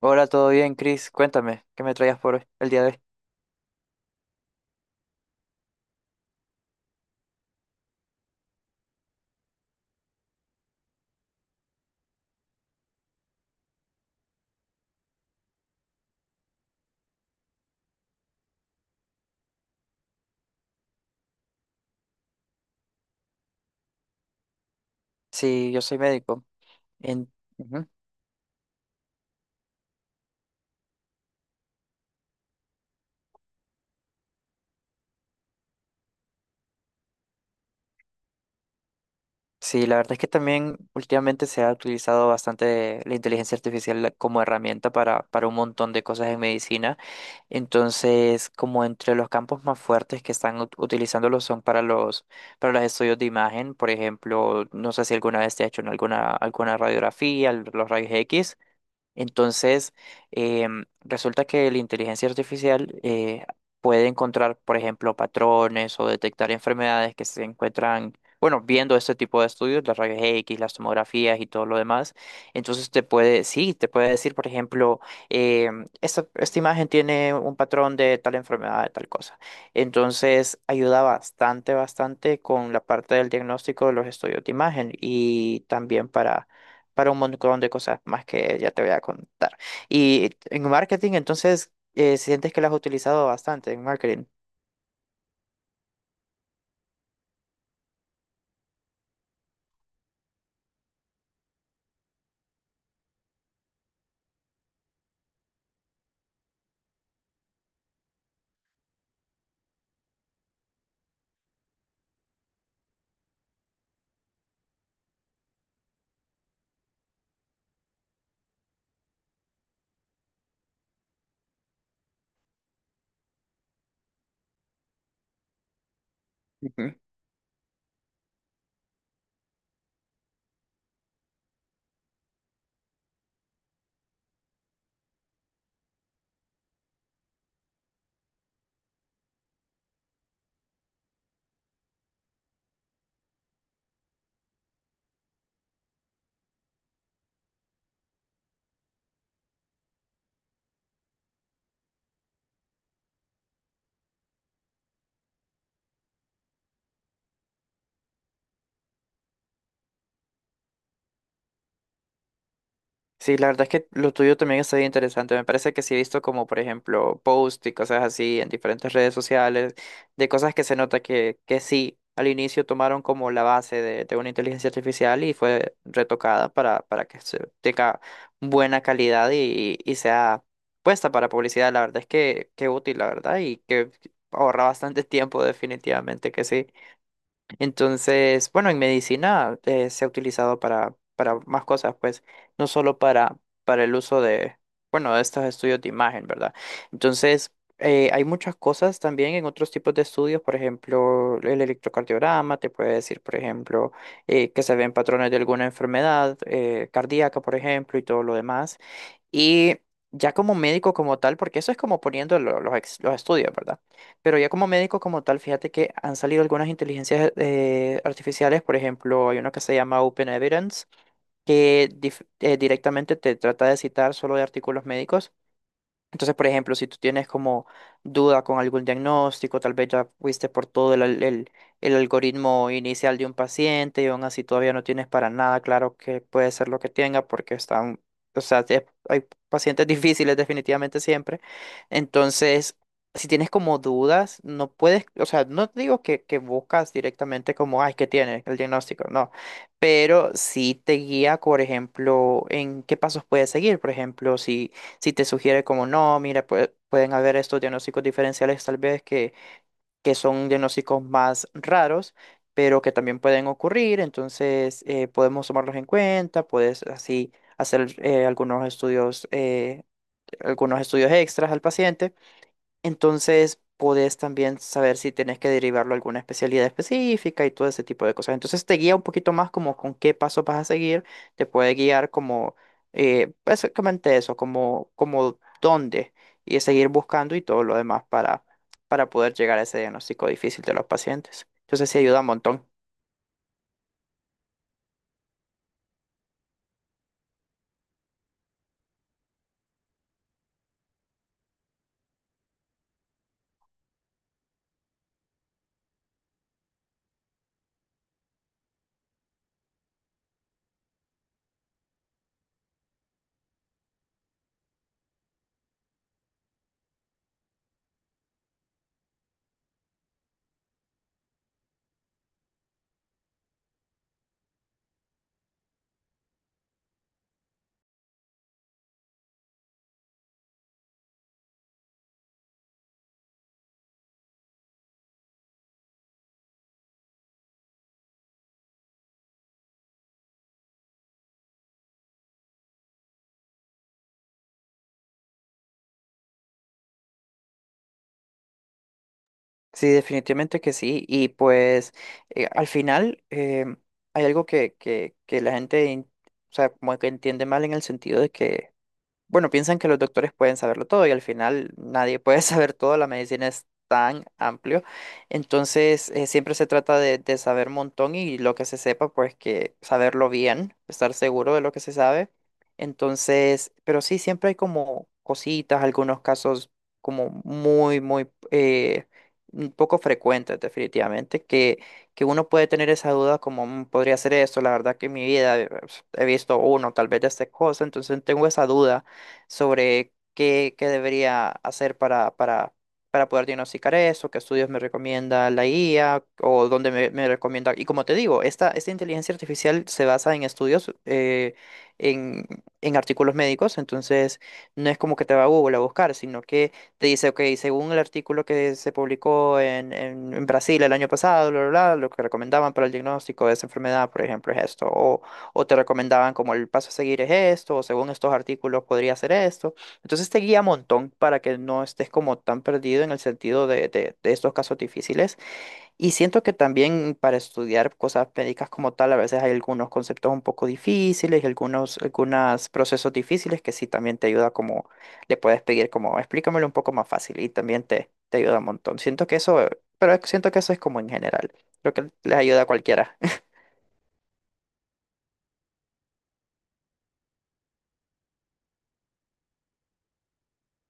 Hola, ¿todo bien, Chris? Cuéntame, ¿qué me traías el día de hoy? Sí, yo soy médico. En... Ujú. Sí, la verdad es que también últimamente se ha utilizado bastante la inteligencia artificial como herramienta para un montón de cosas en medicina. Entonces, como entre los campos más fuertes que están utilizándolo son para los estudios de imagen, por ejemplo, no sé si alguna vez te ha hecho en alguna radiografía, los rayos X. Entonces, resulta que la inteligencia artificial puede encontrar, por ejemplo, patrones o detectar enfermedades que se encuentran, bueno, viendo este tipo de estudios, las rayos X, las tomografías y todo lo demás. Entonces, te puede, sí, te puede decir, por ejemplo, esta imagen tiene un patrón de tal enfermedad, de tal cosa. Entonces, ayuda bastante, bastante con la parte del diagnóstico de los estudios de imagen y también para un montón de cosas más que ya te voy a contar. Y en marketing, entonces, sientes que las has utilizado bastante en marketing. Ujú. Sí, la verdad es que lo tuyo también está bien interesante. Me parece que sí he visto como, por ejemplo, posts y cosas así en diferentes redes sociales, de cosas que se nota que sí, al inicio tomaron como la base de una inteligencia artificial y fue retocada para que se tenga buena calidad y sea puesta para publicidad. La verdad es que útil, la verdad, y que ahorra bastante tiempo, definitivamente que sí. Entonces, bueno, en medicina se ha utilizado para más cosas, pues, no solo para el uso de, bueno, de estos estudios de imagen, ¿verdad? Entonces, hay muchas cosas también en otros tipos de estudios, por ejemplo, el electrocardiograma, te puede decir, por ejemplo, que se ven patrones de alguna enfermedad cardíaca, por ejemplo, y todo lo demás. Y ya como médico como tal, porque eso es como poniendo los estudios, ¿verdad? Pero ya como médico como tal, fíjate que han salido algunas inteligencias artificiales, por ejemplo, hay uno que se llama Open Evidence, que directamente te trata de citar solo de artículos médicos. Entonces, por ejemplo, si tú tienes como duda con algún diagnóstico, tal vez ya fuiste por todo el algoritmo inicial de un paciente y aún así todavía no tienes para nada claro qué puede ser lo que tenga porque están, o sea, hay pacientes difíciles definitivamente siempre. Entonces, si tienes como dudas, no puedes, o sea, no te digo que buscas directamente como, ay, ¿qué tiene el diagnóstico? No, pero sí te guía, por ejemplo, en qué pasos puedes seguir, por ejemplo, si te sugiere como no, mira, pueden haber estos diagnósticos diferenciales tal vez que son diagnósticos más raros, pero que también pueden ocurrir, entonces podemos tomarlos en cuenta, puedes así hacer algunos estudios extras al paciente. Entonces, podés también saber si tenés que derivarlo a alguna especialidad específica y todo ese tipo de cosas. Entonces, te guía un poquito más como con qué paso vas a seguir, te puede guiar como básicamente eso, como, como dónde y seguir buscando y todo lo demás para poder llegar a ese diagnóstico difícil de los pacientes. Entonces, sí ayuda un montón. Sí, definitivamente que sí. Y pues, al final, hay algo que la gente, o sea, como que entiende mal en el sentido de que bueno, piensan que los doctores pueden saberlo todo y al final nadie puede saber todo, la medicina es tan amplio, entonces siempre se trata de saber un montón y lo que se sepa, pues que saberlo bien, estar seguro de lo que se sabe. Entonces, pero sí, siempre hay como cositas, algunos casos como muy, muy, un poco frecuentes definitivamente, que uno puede tener esa duda como "Mm, podría ser esto, la verdad que en mi vida he visto uno, tal vez de esta cosa, entonces tengo esa duda sobre qué, qué debería hacer para poder diagnosticar eso, qué estudios me recomienda la IA o dónde me, me recomienda. Y como te digo, esta inteligencia artificial se basa en estudios, en, en artículos médicos, entonces no es como que te va a Google a buscar, sino que te dice, ok, según el artículo que se publicó en Brasil el año pasado, bla, bla, bla, lo que recomendaban para el diagnóstico de esa enfermedad, por ejemplo, es esto. O o te recomendaban como el paso a seguir es esto, o según estos artículos podría hacer esto. Entonces te guía un montón para que no estés como tan perdido en el sentido de estos casos difíciles. Y siento que también para estudiar cosas médicas como tal, a veces hay algunos conceptos un poco difíciles y algunos procesos difíciles que sí también te ayuda como, le puedes pedir como, explícamelo un poco más fácil y también te ayuda un montón. Siento que eso, pero siento que eso es como en general, lo que les ayuda a cualquiera.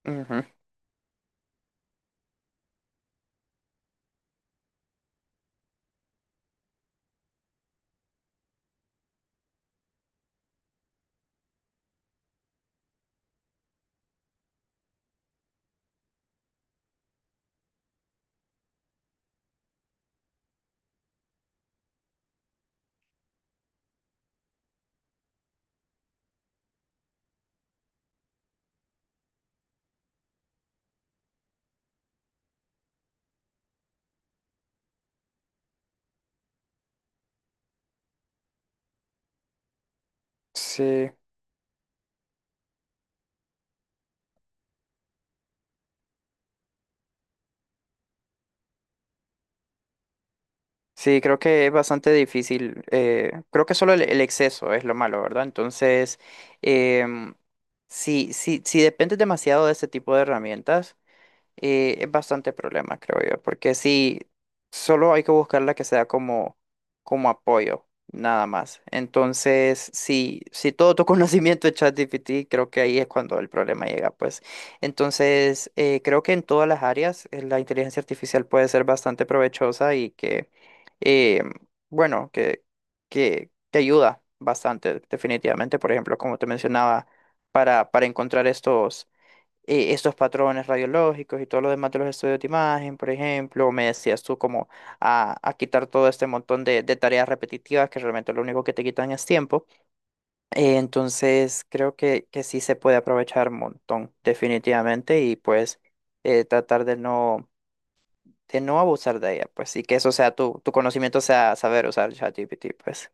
Ujú. Sí. Sí, creo que es bastante difícil. Creo que solo el exceso es lo malo, ¿verdad? Entonces, em, si dependes demasiado de este tipo de herramientas, y es bastante problema, creo yo, porque sí, solo hay que buscar la que sea como, como apoyo, nada más. Entonces, si todo tu conocimiento es ChatGPT, creo que ahí es cuando el problema llega, pues. Entonces, creo que en todas las áreas la inteligencia artificial puede ser bastante provechosa y eh, bueno, que, que te ayuda bastante, definitivamente. Por ejemplo, como te mencionaba, para encontrar estos patrones radiológicos y todo lo demás de los estudios de imagen, por ejemplo, me decías tú como a quitar todo este montón de tareas repetitivas que realmente lo único que te quitan es tiempo. Entonces, creo que sí se puede aprovechar un montón, definitivamente, y pues tratar de no abusar de ella, pues, y que eso sea tu, tu conocimiento sea saber usar ChatGPT, pues.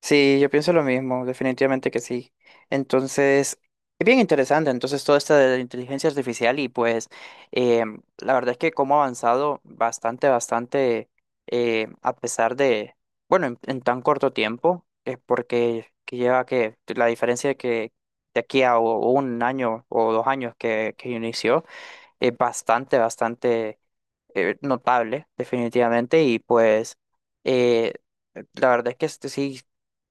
Sí, yo pienso lo mismo, definitivamente que sí. Entonces, es bien interesante, entonces, todo esto de la inteligencia artificial y pues eh, la verdad es que cómo ha avanzado bastante, bastante, a pesar de, bueno, en tan corto tiempo, es porque que lleva que la diferencia que de aquí a un año o dos años que inició es bastante, bastante, notable, definitivamente, y pues eh, la verdad es que este sí,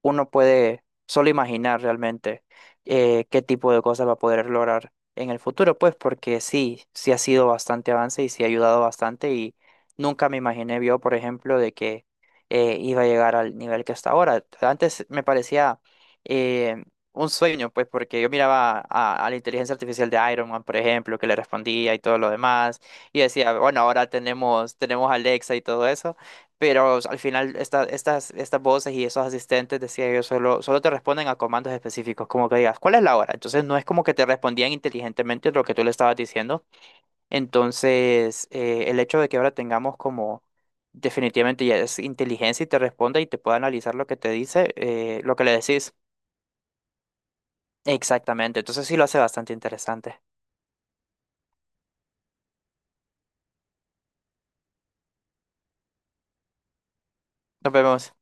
uno puede solo imaginar realmente qué tipo de cosas va a poder lograr en el futuro, pues porque sí, sí ha sido bastante avance y sí ha ayudado bastante y nunca me imaginé yo, por ejemplo, de que iba a llegar al nivel que está ahora. Antes me parecía... eh, un sueño, pues, porque yo miraba a la inteligencia artificial de Iron Man, por ejemplo, que le respondía y todo lo demás y decía, bueno, ahora tenemos, tenemos Alexa y todo eso, pero al final estas voces y esos asistentes, decía yo, solo te responden a comandos específicos, como que digas, ¿cuál es la hora? Entonces no es como que te respondían inteligentemente lo que tú le estabas diciendo. Entonces, el hecho de que ahora tengamos como definitivamente ya es inteligencia y te responde y te puede analizar lo que te dice, lo que le decís. Exactamente, entonces sí lo hace bastante interesante. Nos vemos.